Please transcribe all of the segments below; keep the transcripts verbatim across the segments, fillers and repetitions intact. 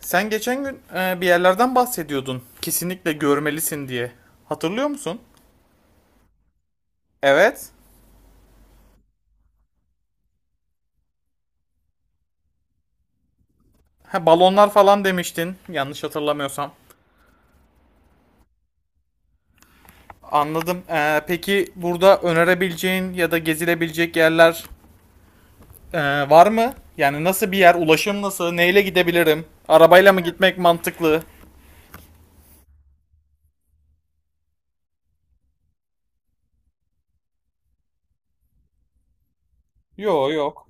Sen geçen gün e, bir yerlerden bahsediyordun. Kesinlikle görmelisin diye. Hatırlıyor musun? Evet. Ha, balonlar falan demiştin. Yanlış hatırlamıyorsam. Anladım. E, peki burada önerebileceğin ya da gezilebilecek yerler e, var mı? Yani nasıl bir yer? Ulaşım nasıl? Neyle gidebilirim? Arabayla mı gitmek mantıklı? Yo yok.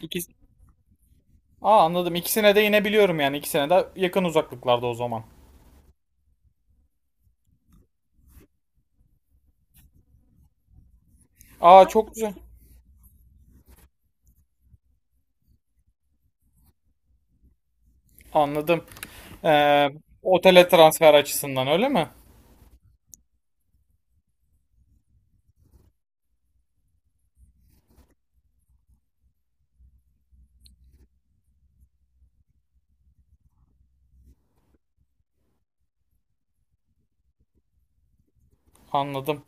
İkisi... Aa anladım. İkisine de inebiliyorum yani. İkisine de yakın uzaklıklarda o zaman. Aa çok güzel. Anladım. Ee, Otele transfer açısından öyle mi? Anladım.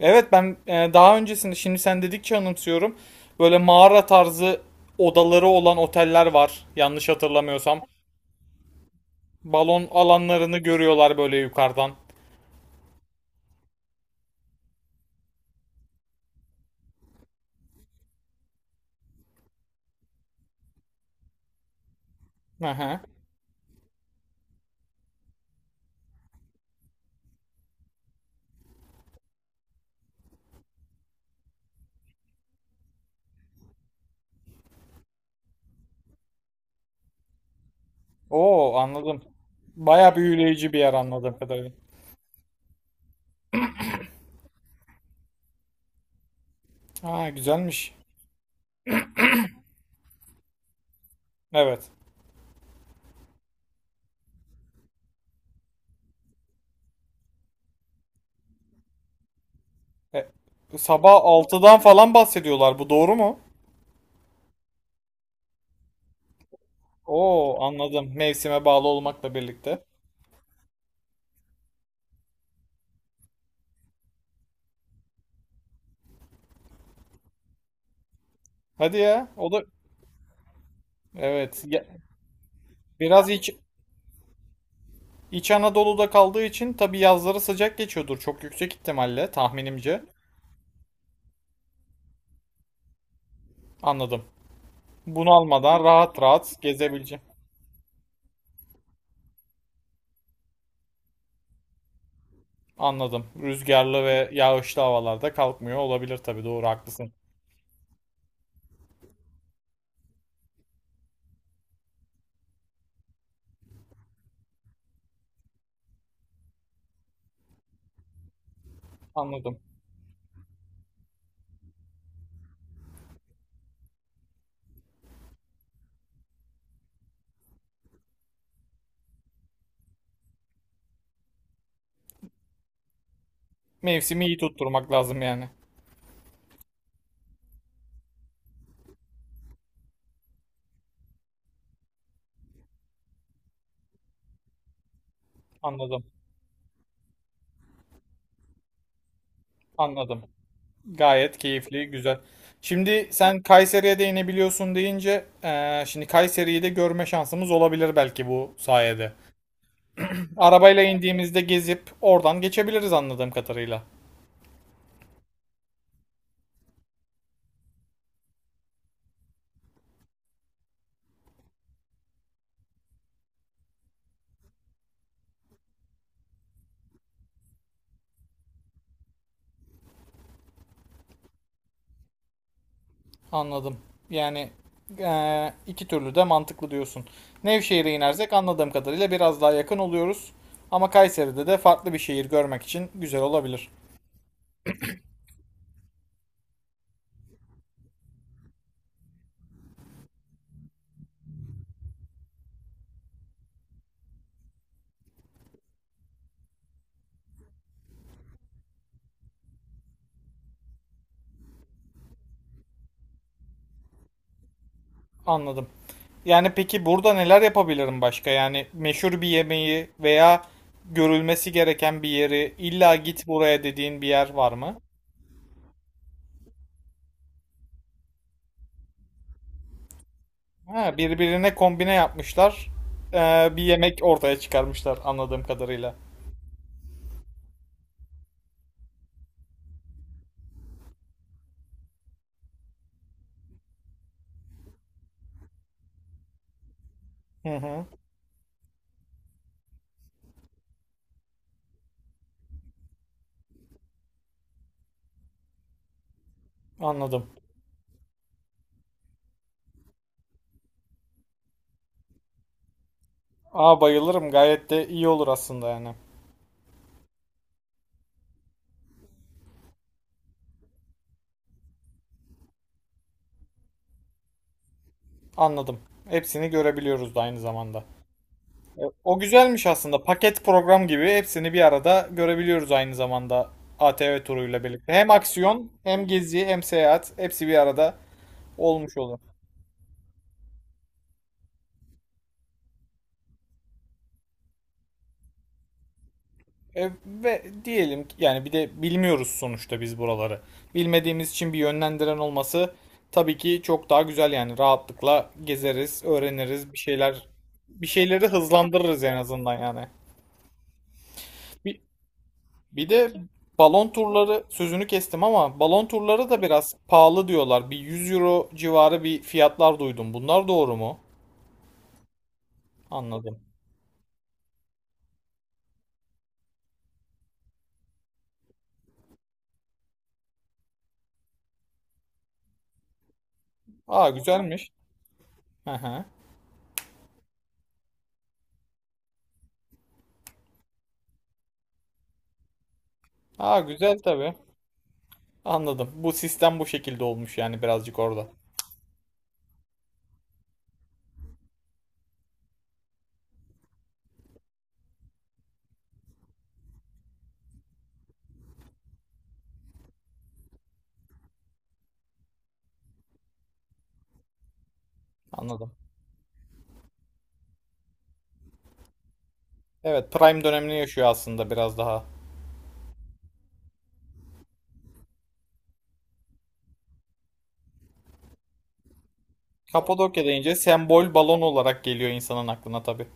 Evet ben e, daha öncesinde şimdi sen dedikçe anımsıyorum. Böyle mağara tarzı odaları olan oteller var. Yanlış hatırlamıyorsam. Balon alanlarını görüyorlar böyle yukarıdan. Hı hı. Oo anladım. Baya büyüleyici bir yer anladığım kadarıyla. Ha güzelmiş. Evet. E, Sabah altıdan falan bahsediyorlar. Bu doğru mu? Oo anladım. Mevsime bağlı olmakla birlikte. Hadi ya. O da Evet. ya- Biraz iç, İç Anadolu'da kaldığı için tabii yazları sıcak geçiyordur çok yüksek ihtimalle tahminimce. Anladım. Bunu almadan rahat rahat gezebileceğim. Anladım. Rüzgarlı ve yağışlı havalarda kalkmıyor olabilir tabii doğru haklısın. Anladım. Mevsimi iyi tutturmak lazım yani. Anladım. Anladım. Gayet keyifli, güzel. Şimdi sen Kayseri'ye de inebiliyorsun deyince eee, şimdi Kayseri'yi de görme şansımız olabilir belki bu sayede. Arabayla indiğimizde gezip oradan geçebiliriz anladığım kadarıyla. Anladım. Yani eee, iki türlü de mantıklı diyorsun. Nevşehir'e inersek anladığım kadarıyla biraz daha yakın oluyoruz. Ama Kayseri'de de farklı bir şehir görmek için güzel olabilir. Anladım. Yani peki burada neler yapabilirim başka? Yani meşhur bir yemeği veya görülmesi gereken bir yeri, illa git buraya dediğin bir yer var mı? Ha, birbirine kombine yapmışlar. Ee, bir yemek ortaya çıkarmışlar anladığım kadarıyla. Hı hı, anladım. Aa bayılırım. Gayet de iyi olur aslında yani. Anladım. Hepsini görebiliyoruz da aynı zamanda. E, O güzelmiş aslında. Paket program gibi hepsini bir arada görebiliyoruz aynı zamanda A T V turuyla birlikte. Hem aksiyon, hem gezi, hem seyahat hepsi bir arada olmuş oluyor. E, ve diyelim ki yani bir de bilmiyoruz sonuçta biz buraları. Bilmediğimiz için bir yönlendiren olması tabii ki çok daha güzel yani rahatlıkla gezeriz, öğreniriz, bir şeyler bir şeyleri hızlandırırız en azından yani. Bir, bir de balon turları sözünü kestim ama balon turları da biraz pahalı diyorlar. Bir yüz euro civarı bir fiyatlar duydum. Bunlar doğru mu? Anladım. Aa güzelmiş. Hı hı. Aa güzel tabii. Anladım. Bu sistem bu şekilde olmuş yani birazcık orada. Anladım. Evet, Prime dönemini yaşıyor aslında biraz daha. Kapadokya deyince sembol balon olarak geliyor insanın aklına tabii.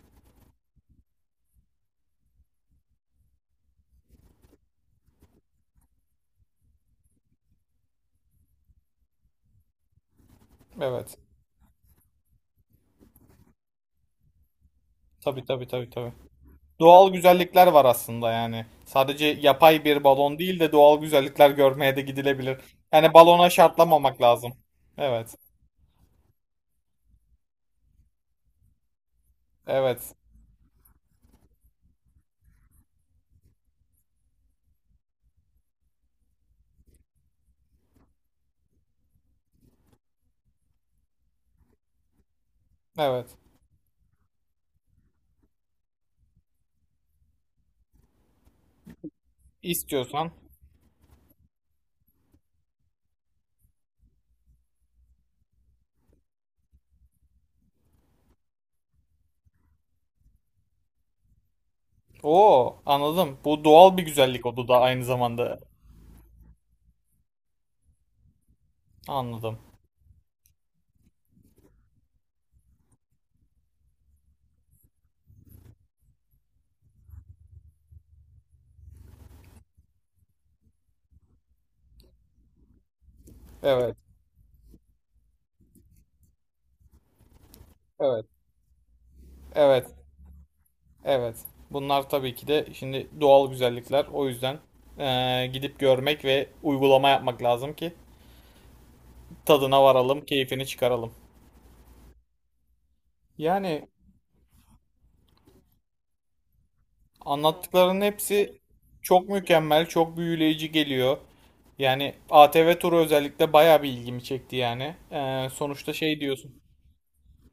Evet. Tabii tabii tabii tabii. Doğal güzellikler var aslında yani. Sadece yapay bir balon değil de doğal güzellikler görmeye de gidilebilir. Yani balona şartlamamak lazım. Evet. Evet. Evet. İstiyorsan. Oo, anladım. Bu doğal bir güzellik o da aynı zamanda. Anladım. Evet. Evet. Evet. Evet. Bunlar tabii ki de şimdi doğal güzellikler. O yüzden eee, gidip görmek ve uygulama yapmak lazım ki tadına varalım, keyfini çıkaralım. Yani anlattıklarının hepsi çok mükemmel, çok büyüleyici geliyor. Yani A T V turu özellikle bayağı bir ilgimi çekti yani. Eee, sonuçta şey diyorsun.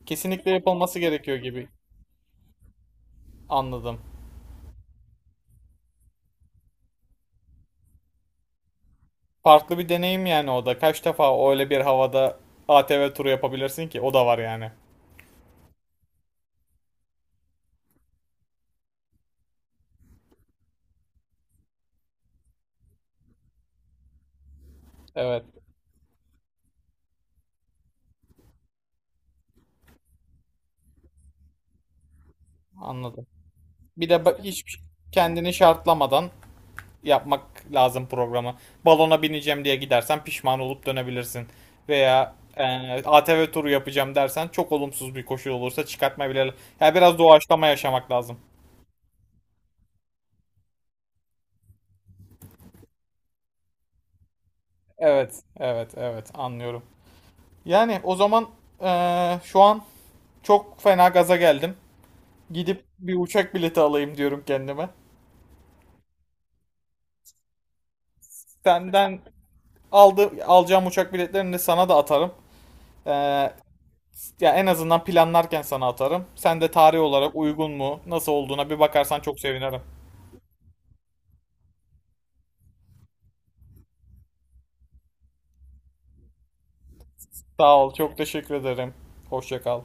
Kesinlikle yapılması gerekiyor gibi anladım. Farklı bir deneyim yani o da. Kaç defa öyle bir havada A T V turu yapabilirsin ki? O da var yani. Evet, anladım. Bir de ba- hiç kendini şartlamadan yapmak lazım programı. Balona bineceğim diye gidersen pişman olup dönebilirsin. Veya e, A T V turu yapacağım dersen çok olumsuz bir koşul olursa çıkartma bile. Yani biraz doğaçlama yaşamak lazım. Evet, evet, evet anlıyorum. Yani o zaman e, şu an çok fena gaza geldim. Gidip bir uçak bileti alayım diyorum kendime. Senden aldı, alacağım uçak biletlerini sana da atarım. Ee, Ya en azından planlarken sana atarım. Sen de tarih olarak uygun mu, nasıl olduğuna bir bakarsan çok sevinirim. Sağ ol, çok teşekkür ederim. Hoşça kal.